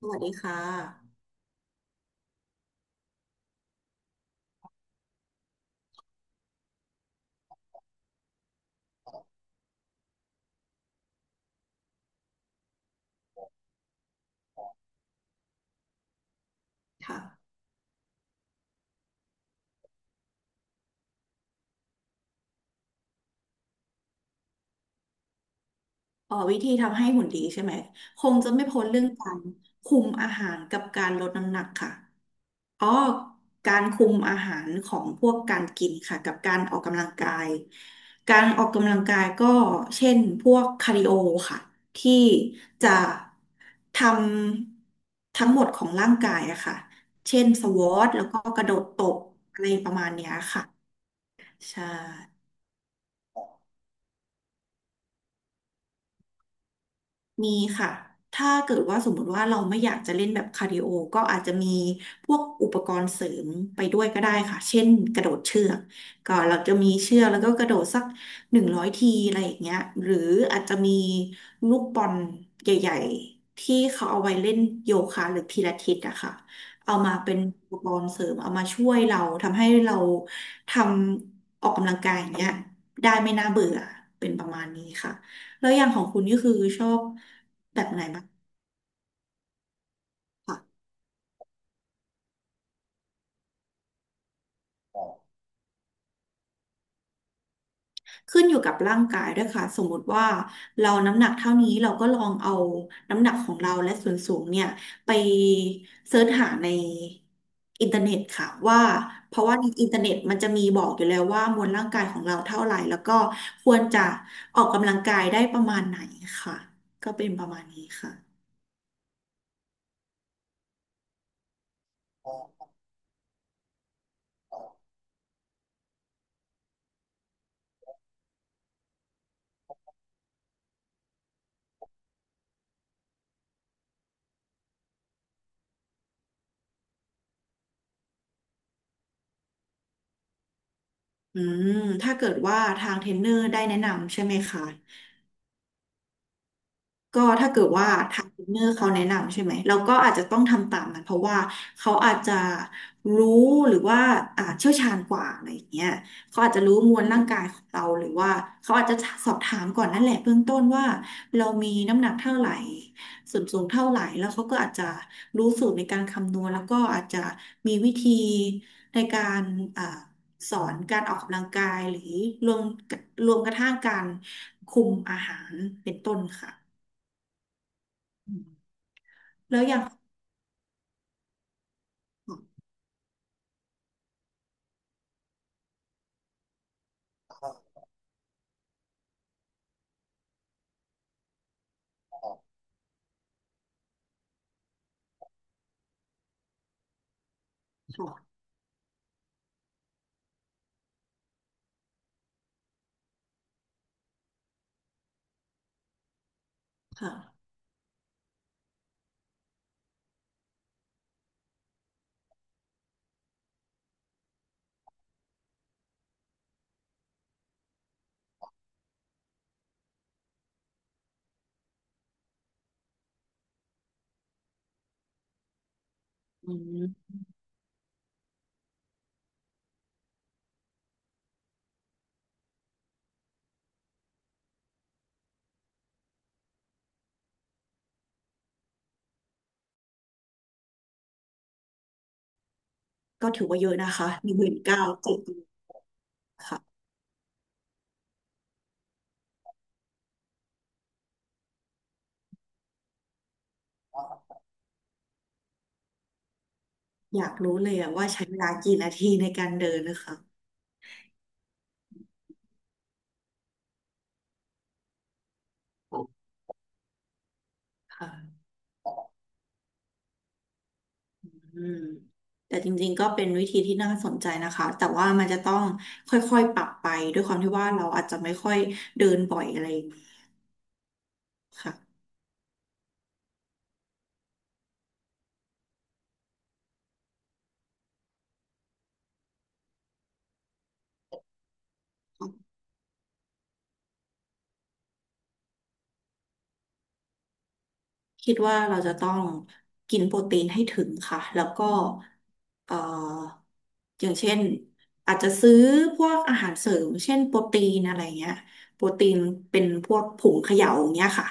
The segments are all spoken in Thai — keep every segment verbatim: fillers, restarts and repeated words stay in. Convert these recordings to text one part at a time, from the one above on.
สวัสดีค่ะค่ะอ๋อวิธีทำให้หุ่นดีใช่ไหมคงจะไม่พ้นเรื่องการคุมอาหารกับการลดน้ำหนักค่ะอ๋อการคุมอาหารของพวกการกินค่ะกับการออกกำลังกายการออกกำลังกายก็เช่นพวกคาร์ดิโอค่ะที่จะทำทั้งหมดของร่างกายอะค่ะเช่นสควอทแล้วก็กระโดดตบอะไรประมาณเนี้ยค่ะใช่ มีค่ะ ถ้าเกิดว่าสมมติว่าเราไม่อยากจะเล่นแบบคาร์ดิโอ ก็อาจจะมีพวกอุปกรณ์เสริมไปด้วยก็ได้ค่ะ เช่นกระโดดเชือกก็เราจะมีเชือกแล้วก็กระโดดสักหนึ่งร้อยทีอะไรอย่างเงี้ยหรืออาจจะมีลูกบอลใหญ่ๆที่เขาเอาไว้เล่นโยคะหรือพิลาทิสอะค่ะเอามาเป็นอุปกรณ์เสริมเอามาช่วยเราทำให้เราทำออกกำลังกายอย่างเงี้ยได้ไม่น่าเบื่อเป็นประมาณนี้ค่ะ แล้วอย่างของคุณนี่คือชอบแบบไหนบ้างค่ะขึ้นอยู่กับร่างกายด้วยค่ะสมมติว่าเราน้ำหนักเท่านี้เราก็ลองเอาน้ำหนักของเราและส่วนสูงเนี่ยไปเสิร์ชหาในอินเทอร์เน็ตค่ะว่าเพราะว่าในอินเทอร์เน็ตมันจะมีบอกอยู่แล้วว่ามวลร่างกายของเราเท่าไหร่แล้วก็ควรจะออกกำลังกายได้ประมาณไหนค่ะก็เป็นประมาณนี้ค่ะอืมถ้าเกิดว่าทางเทรนเนอร์ได้แนะนำใช่ไหมคะ ก็ถ้าเกิดว่าทางเทรนเนอร์เขาแนะนำใช่ไหมเราก็อาจจะต้องทำตามนั้นเพราะว่าเขาอาจจะรู้หรือว่าอ่าเชี่ยวชาญกว่าอะไรอย่างเงี้ยเขาอาจจะรู้มวลร่างกายของเราหรือว่าเขาอาจจะสอบถามก่อนนั่นแหละเบื้องต้นว่าเรามีน้ำหนักเท่าไหร่ส่วนสูงเท่าไหร่แล้วเขาก็อาจจะรู้สูตรในการคำนวณแล้วก็อาจจะมีวิธีในการอ่าสอนการออกกำลังกายหรือรวมรวมกระทั่งการคุมอาหารเป็นต้นค่ะ อืมแล้วอย่างค่ะค่ะก็ถือว่าเยอะนะคะหนึ่งหมื่นเก้าเจ็ดค่ะอยากรู้เลยอะว่าใช้เวลากี่นาทีในการเดินนะคะค่ะอืมแต่จริงๆก็เป็นวิธีที่น่าสนใจนะคะแต่ว่ามันจะต้องค่อยๆปรับไปด้วยความที่ว่าเราอาจจะไม่ค่อยเดินบ่อยอะไรอย่างนี้ค่ะ คิดว่าเราจะต้องกินโปรตีนให้ถึงค่ะแล้วก็เอ่ออย่างเช่น อาจจะซื้อพวกอาหารเสริมเช่นโปรตีนอะไรเงี้ยโปรตีนเป็นพวกผงเขย่าอย่างเงี้ยค่ะ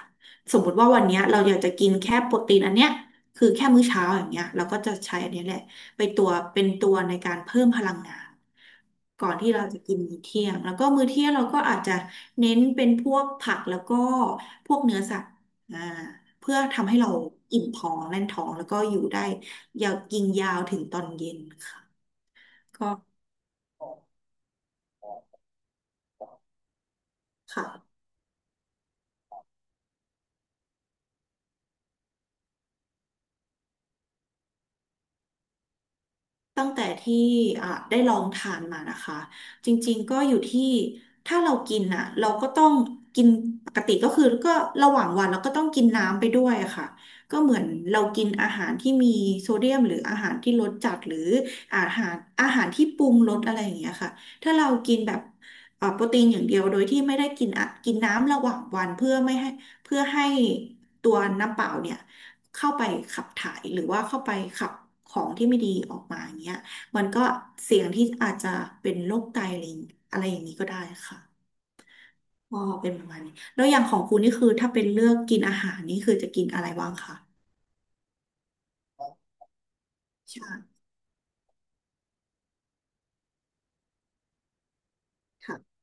สมมติว่าวันเนี้ยเราอยากจะกินแค่โปรตีนอันเนี้ยคือแค่มื้อเช้าอย่างเงี้ยเราก็จะใช้อันนี้แหละไปตัวเป็นตัวในการเพิ่มพลังงานก่อนที่เราจะกินมื้อเที่ยง แล้วก็มื้อเที่ยงเราก็อาจจะเน้นเป็นพวกผักแล้วก็พวกเนื้อสัตว์อ่า เพื่อทำให้เราอิ่มท้องแน่นท้องแล้วก็อยู่ได้ยาวกินยาวถึงตอนเย็นค่ะก็ค่ะ ตั้งแต่ที่อ่ะได้ลองทานมานะคะจริงๆก็อยู่ที่ถ้าเรากินอ่ะเราก็ต้องกินปกติก็คือก็ระหว่างวันเราก็ต้องกินน้ำไปด้วยอะค่ะก็เหมือนเรากินอาหารที่มีโซเดียมหรืออาหารที่รสจัดหรืออาหารอาหารที่ปรุงรสอะไรอย่างเงี้ยค่ะถ้าเรากินแบบเอ่อโปรตีนอย่างเดียวโดยที่ไม่ได้กินอะกินน้ำระหว่างวันเพื่อไม่ให้เพื่อให้ตัวน้ำเปล่าเนี่ย เข้าไปขับถ่ายหรือว่าเข้าไปขับของที่ไม่ดีออกมาอย่างเงี้ยมันก็เสี่ยงที่อาจจะเป็นโรคไตอะไรอย่างอะไรอย่างนี้ก็ได้ค่ะก็เป็นประมาณนี้แล้วอย่างของคุณนี่คือถ้าเป็นเลือกกินอาหารนี่คือจะกินอะไรบ้างคะใช่ค่ะ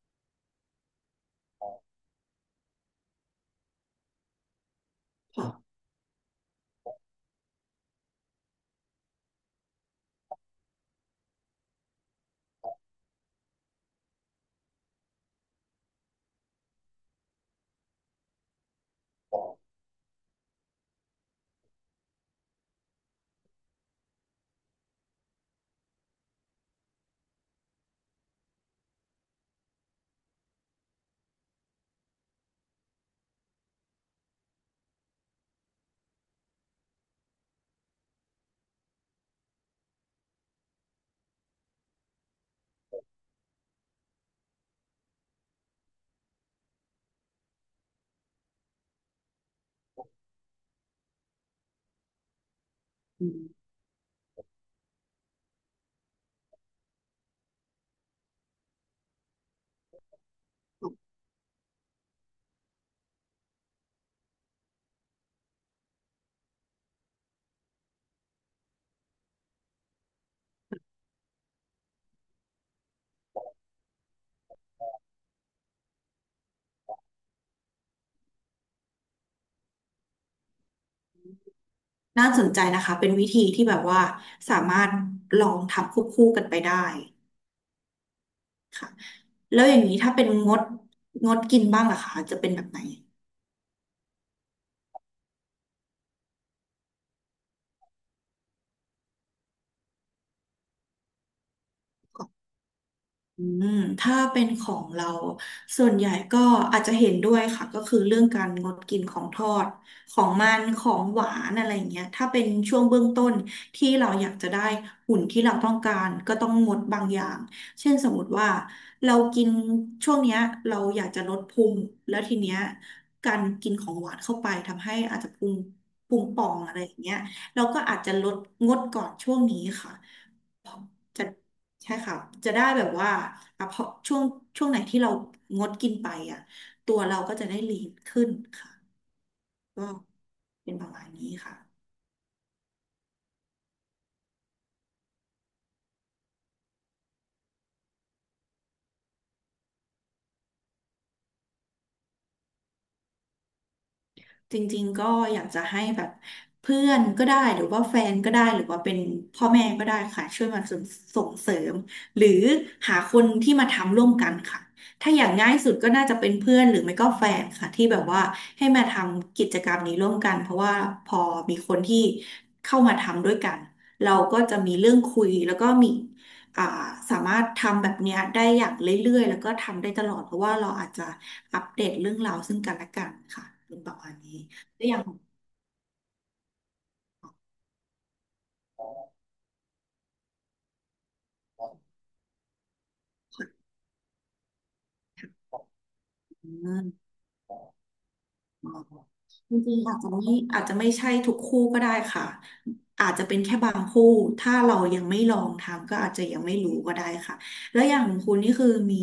ค่ะอืมน่าสนใจนะคะเป็นวิธีที่แบบว่าสามารถลองทำควบคู่กันไปได้ค่ะแล้วอย่างนี้ถ้าเป็นงดงดกินบ้างล่ะคะจะเป็นแบบไหน อืมถ้าเป็นของเราส่วนใหญ่ก็อาจจะเห็นด้วยค่ะก็คือเรื่องการงดกินของทอดของมันของหวานอะไรอย่างเงี้ยถ้าเป็นช่วงเบื้องต้นที่เราอยากจะได้หุ่นที่เราต้องการก็ต้องงดบางอย่างเช่นสมมติว่าเรากินช่วงเนี้ยเราอยากจะลดพุงแล้วทีเนี้ยการกินของหวานเข้าไปทำให้อาจจะพุงพุงป่องอะไรอย่างเงี้ยเราก็อาจจะลดงดก่อนช่วงนี้ค่ะ จะใช่ค่ะจะได้แบบว่าอ่ะพอช่วงช่วงไหนที่เรางดกินไปอ่ะตัวเราก็จะได้ลีนขึ้นค่ะก็เป็นประมาณนี้ค่ะ จริงๆก็อยากจะให้แบบเพื่อนก็ได้หรือว่าแฟนก็ได้หรือว่าเป็นพ่อแม่ก็ได้ค่ะช่วยมาส่งส่งเสริมหรือหาคนที่มาทำร่วมกันค่ะถ้าอย่างง่ายสุดก็น่าจะเป็นเพื่อนหรือไม่ก็แฟนค่ะที่แบบว่าให้มาทำกิจกรรมนี้ร่วมกันเพราะว่าพอมีคนที่เข้ามาทำด้วยกันเราก็จะมีเรื่องคุยแล้วก็มี อ่าสามารถทำแบบเนี้ยได้อย่างเรื่อยๆแล้วก็ทำได้ตลอดเพราะว่าเราอาจจะอัปเดตเรื่องราวซึ่งกันและกันค่ะเป็นประมาณนี้ตัวอย่างของคุณเงินอ๋อจริงๆอาจจะไม่อาจจะไม่ใช่ทุกคู่ก็ได้ค่ะอาจจะเป็นแค่บางคู่ถ้าเรายังไม่ลองทำก็อาจจะยังไม่รู้ก็ได้ค่ะแล้วอย่างคุณนี่คือมี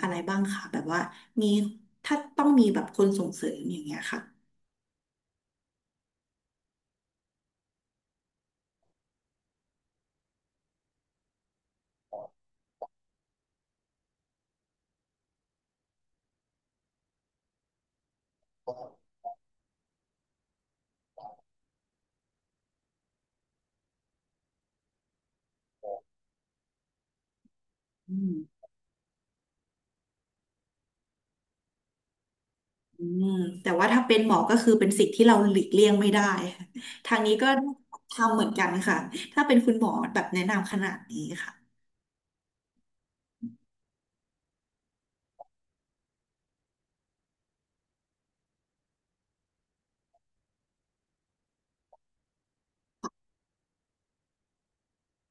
อะไรบ้างคะแบบว่ามีถ้าต้องมีแบบคนส่งเสริมอย่างเงี้ยค่ะอืม อืมแต่ว่าถ้าเป็นหมอก็คือเป็นสิ่งที่เราหลีกเลี่ยงไม่ได้ค่ะทางนี้ก็ทำเหมือนกันค่ะถ้าเป็นคุณหมอแบบแนะนำขนาดนี้ค่ะ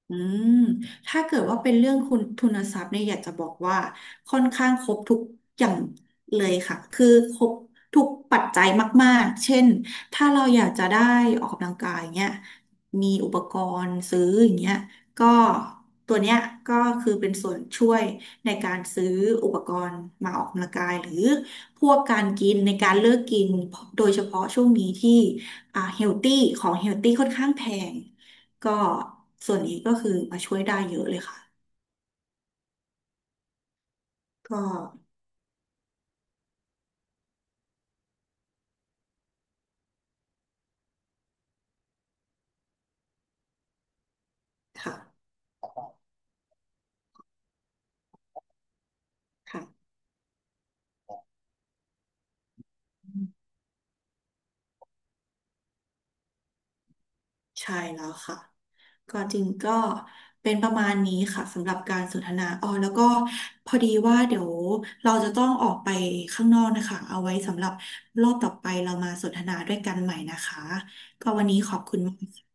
อืมถ้าเกิดว่าเป็นเรื่องคุณทุนทรัพย์เนี่ยอยากจะบอกว่าค่อนข้างครบทุกอย่างเลยค่ะคือครบทุกปัจจัยมากๆ เช่น ถ้าเราอยากจะได้ออกกำลังกายเงี้ยมีอุปกรณ์ซื้ออย่างเงี้ยก็ตัวเนี้ยก็คือเป็นส่วนช่วยในการซื้ออุปกรณ์มาออกกำลังกายหรือพวกการกินในการเลือกกินโดยเฉพาะช่วงนี้ที่อ่าเฮลตี้ของเฮลตี้ค่อนข้างแพง ก็ส่วนนี้ก็คือมาช่วยได้เยอะเลยค่ะก็ค่ะค่ะใช่แล้วค่ะก็จริงก็เป็นประมาณนี้ค่ะสำหรับการสนทนาอ๋อแล้วก็พอดีว่าเดี๋ยวเราจะต้องออกไปข้างนอกนะคะเอาไว้สำหรับรอบต่อไปเรามาสนทนาด้วยกันใหม่นะคะก็วันนี้ขอบคุณมาก